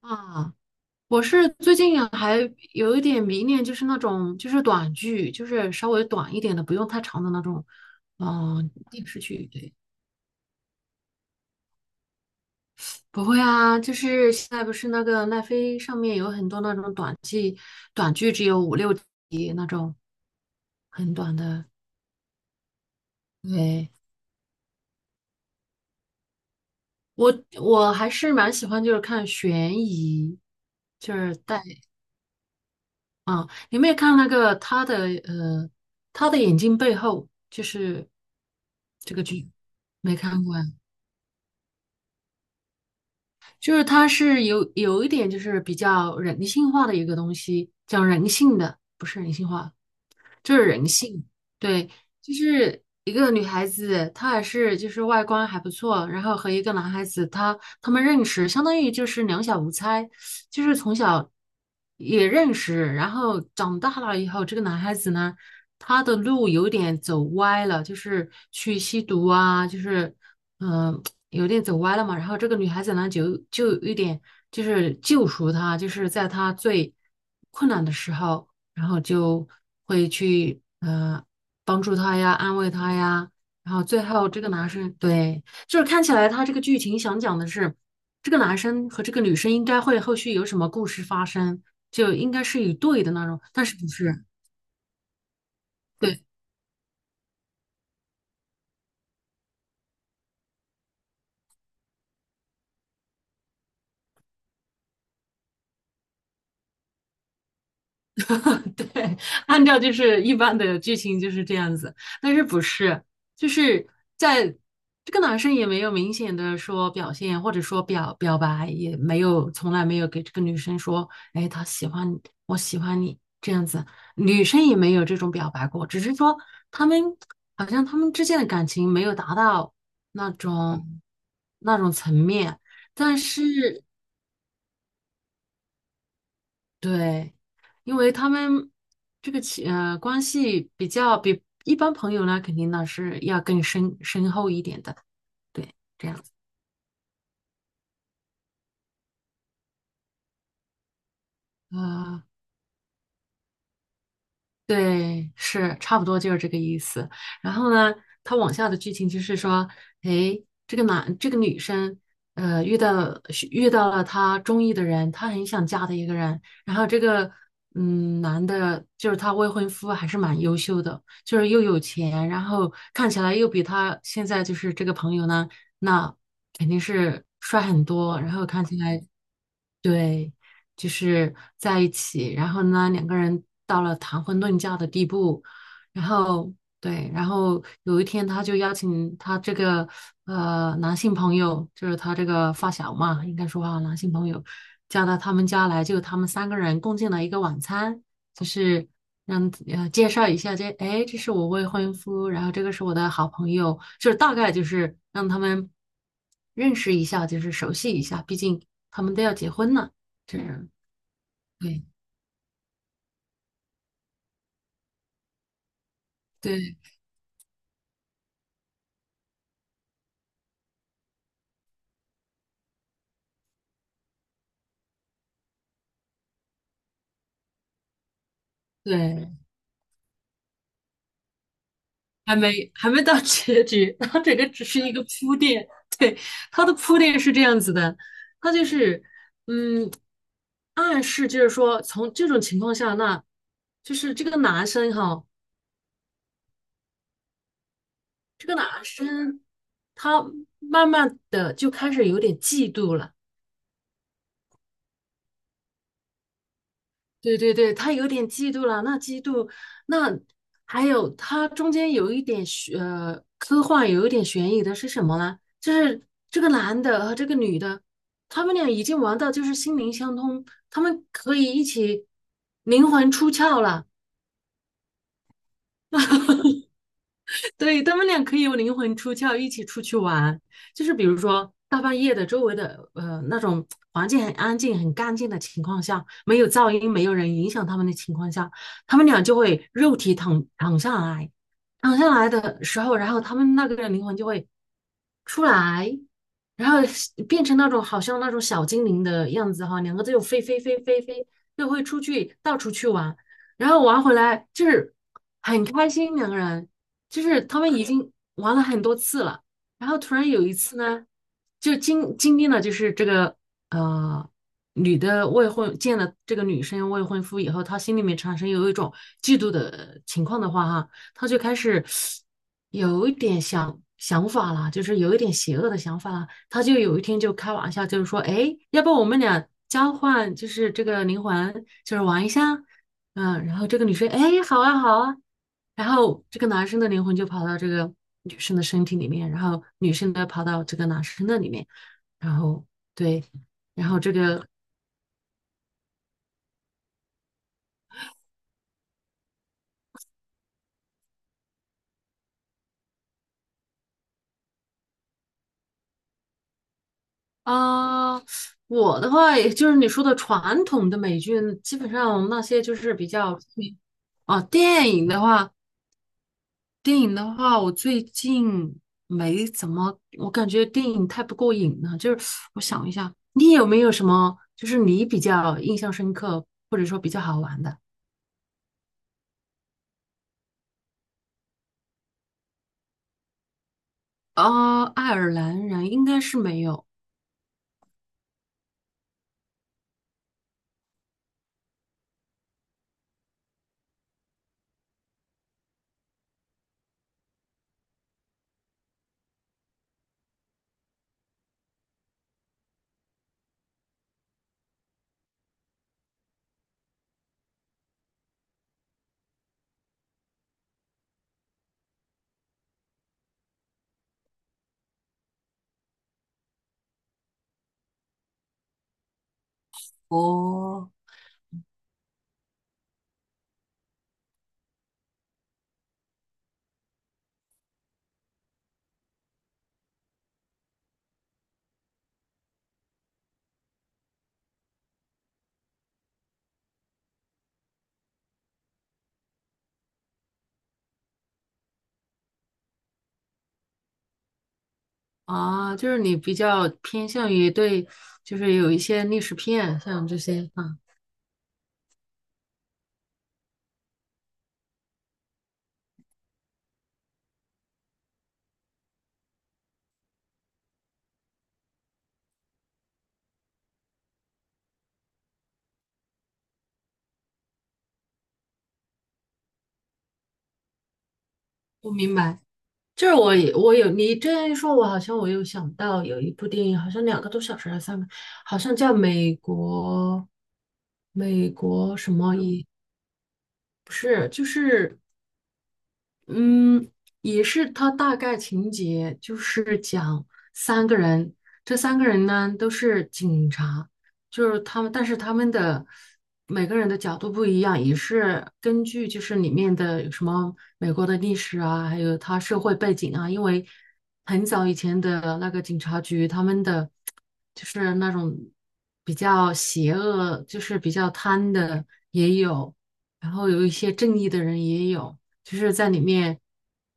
啊，我是最近啊还有一点迷恋，就是那种就是短剧，就是稍微短一点的，不用太长的那种，电视剧。对，不会啊，就是现在不是那个奈飞上面有很多那种短剧，短剧只有五六集那种，很短的。对，我还是蛮喜欢，就是看悬疑，就是带。啊，你有没有看那个他的他的眼睛背后就是这个剧，没看过呀？就是它是有一点就是比较人性化的一个东西，讲人性的，不是人性化，就是人性，对，就是一个女孩子，她还是就是外观还不错，然后和一个男孩子，他们认识，相当于就是两小无猜，就是从小也认识，然后长大了以后，这个男孩子呢，他的路有点走歪了，就是去吸毒啊，就是嗯、呃有点走歪了嘛，然后这个女孩子呢，就有一点就是救赎他，就是在他最困难的时候。然后就会去帮助他呀，安慰他呀，然后最后这个男生对，就是看起来他这个剧情想讲的是，这个男生和这个女生应该会后续有什么故事发生，就应该是一对的那种，但是不是？对。对，按照就是一般的剧情就是这样子，但是不是，就是在这个男生也没有明显的说表现，或者说表白，也没有从来没有给这个女生说，哎，他喜欢你，我喜欢你这样子，女生也没有这种表白过，只是说他们好像他们之间的感情没有达到那种那种层面，但是对，因为他们这个情关系比较比一般朋友呢，肯定呢是要更深厚一点的。对，这样子。呃，对，是差不多就是这个意思。然后呢，他往下的剧情就是说，哎，这个男这个女生，遇到是遇到了她中意的人，她很想嫁的一个人。然后这个男的，就是她未婚夫，还是蛮优秀的，就是又有钱，然后看起来又比她现在就是这个朋友呢，那肯定是帅很多，然后看起来。对，就是在一起，然后呢，两个人到了谈婚论嫁的地步，然后对，然后有一天他就邀请他这个男性朋友，就是他这个发小嘛，应该说啊，男性朋友叫到他们家来，就他们三个人共进了一个晚餐，就是让介绍一下这，哎，这是我未婚夫，然后这个是我的好朋友，就是大概就是让他们认识一下，就是熟悉一下，毕竟他们都要结婚了，这样，对对对，还没还没到结局，它这个只是一个铺垫，对，它的铺垫是这样子的，它就是嗯，暗示就是说从这种情况下，那就是这个男生哈。他慢慢的就开始有点嫉妒了。对对对，他有点嫉妒了。那嫉妒，那还有他中间有一点科幻，有一点悬疑的是什么呢？就是这个男的和这个女的，他们俩已经玩到就是心灵相通，他们可以一起灵魂出窍了。对，他们俩可以有灵魂出窍，一起出去玩。就是比如说大半夜的，周围的那种环境很安静、很干净的情况下，没有噪音、没有人影响他们的情况下，他们俩就会肉体躺下来，躺下来的时候，然后他们那个灵魂就会出来，然后变成那种好像那种小精灵的样子哈，两个就飞飞飞飞飞，就会出去到处去玩，然后玩回来就是很开心，两个人就是他们已经玩了很多次了，然后突然有一次呢，就经历了就是这个呃女的未婚见了这个女生未婚夫以后，她心里面产生有一种嫉妒的情况的话哈，她就开始有一点想法了，就是有一点邪恶的想法了。她就有一天就开玩笑，就是说，哎，要不我们俩交换，就是这个灵魂，就是玩一下。嗯，然后这个女生，哎，好啊，好啊，然后这个男生的灵魂就跑到这个女生的身体里面，然后女生的跑到这个男生的里面，然后对，然后这个啊、我的话也就是你说的传统的美剧，基本上那些就是比较出名啊，电影的话。电影的话，我最近没怎么，我感觉电影太不过瘾了。就是我想一下，你有没有什么，就是你比较印象深刻，或者说比较好玩的？爱尔兰人应该是没有哦，啊，就是你比较偏向于对，就是有一些历史片，像这些啊，我明白。就是我有你这样一说，我好像我有想到有一部电影，好像两个多小时还是三个，好像叫美国什么也不是，就是。嗯，也是，它大概情节就是讲三个人，这三个人呢都是警察，就是他们，但是他们的每个人的角度不一样，也是根据就是里面的有什么美国的历史啊，还有他社会背景啊，因为很早以前的那个警察局，他们的就是那种比较邪恶，就是比较贪的也有，然后有一些正义的人也有。就是在里面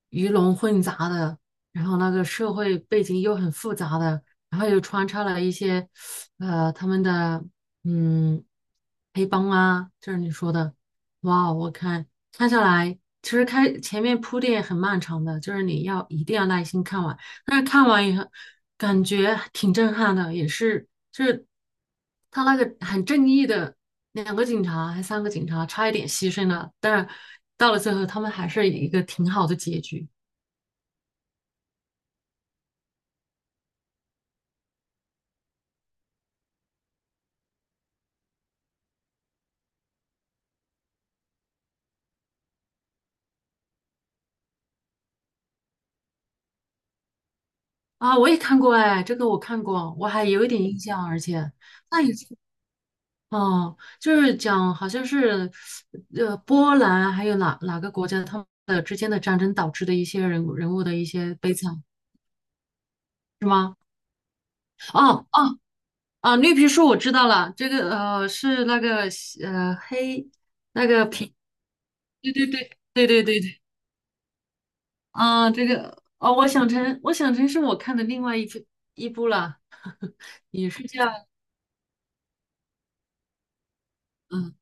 鱼龙混杂的，然后那个社会背景又很复杂的，然后又穿插了一些他们的嗯黑帮啊，就是你说的，哇，我看下来，其实开前面铺垫很漫长的，就是你要一定要耐心看完，但是看完以后感觉挺震撼的，也是就是他那个很正义的。两个警察还三个警察，差一点牺牲了，但是到了最后，他们还是一个挺好的结局啊！我也看过哎，这个我看过，我还有一点印象，而且那也哦，就是讲好像是波兰还有哪哪个国家他们的之间的战争导致的一些人物的一些悲惨。是吗？哦哦哦，绿皮书我知道了，这个是那个黑那个皮，对对对对对对对啊，这个哦，我想成是我看的另外一部了，也是叫嗯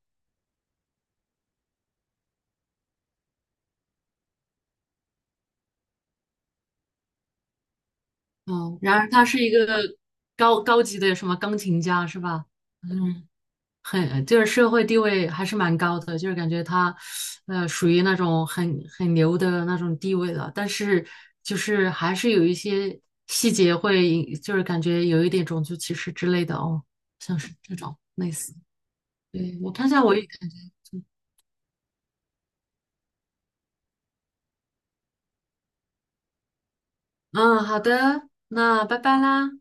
哦，然而他是一个高级的什么钢琴家是吧？嗯，很就是社会地位还是蛮高的，就是感觉他属于那种很牛的那种地位了，但是就是还是有一些细节会就是感觉有一点种族歧视之类的哦，像是这种类似。对，我看一下我也感觉。嗯，好的，那拜拜啦。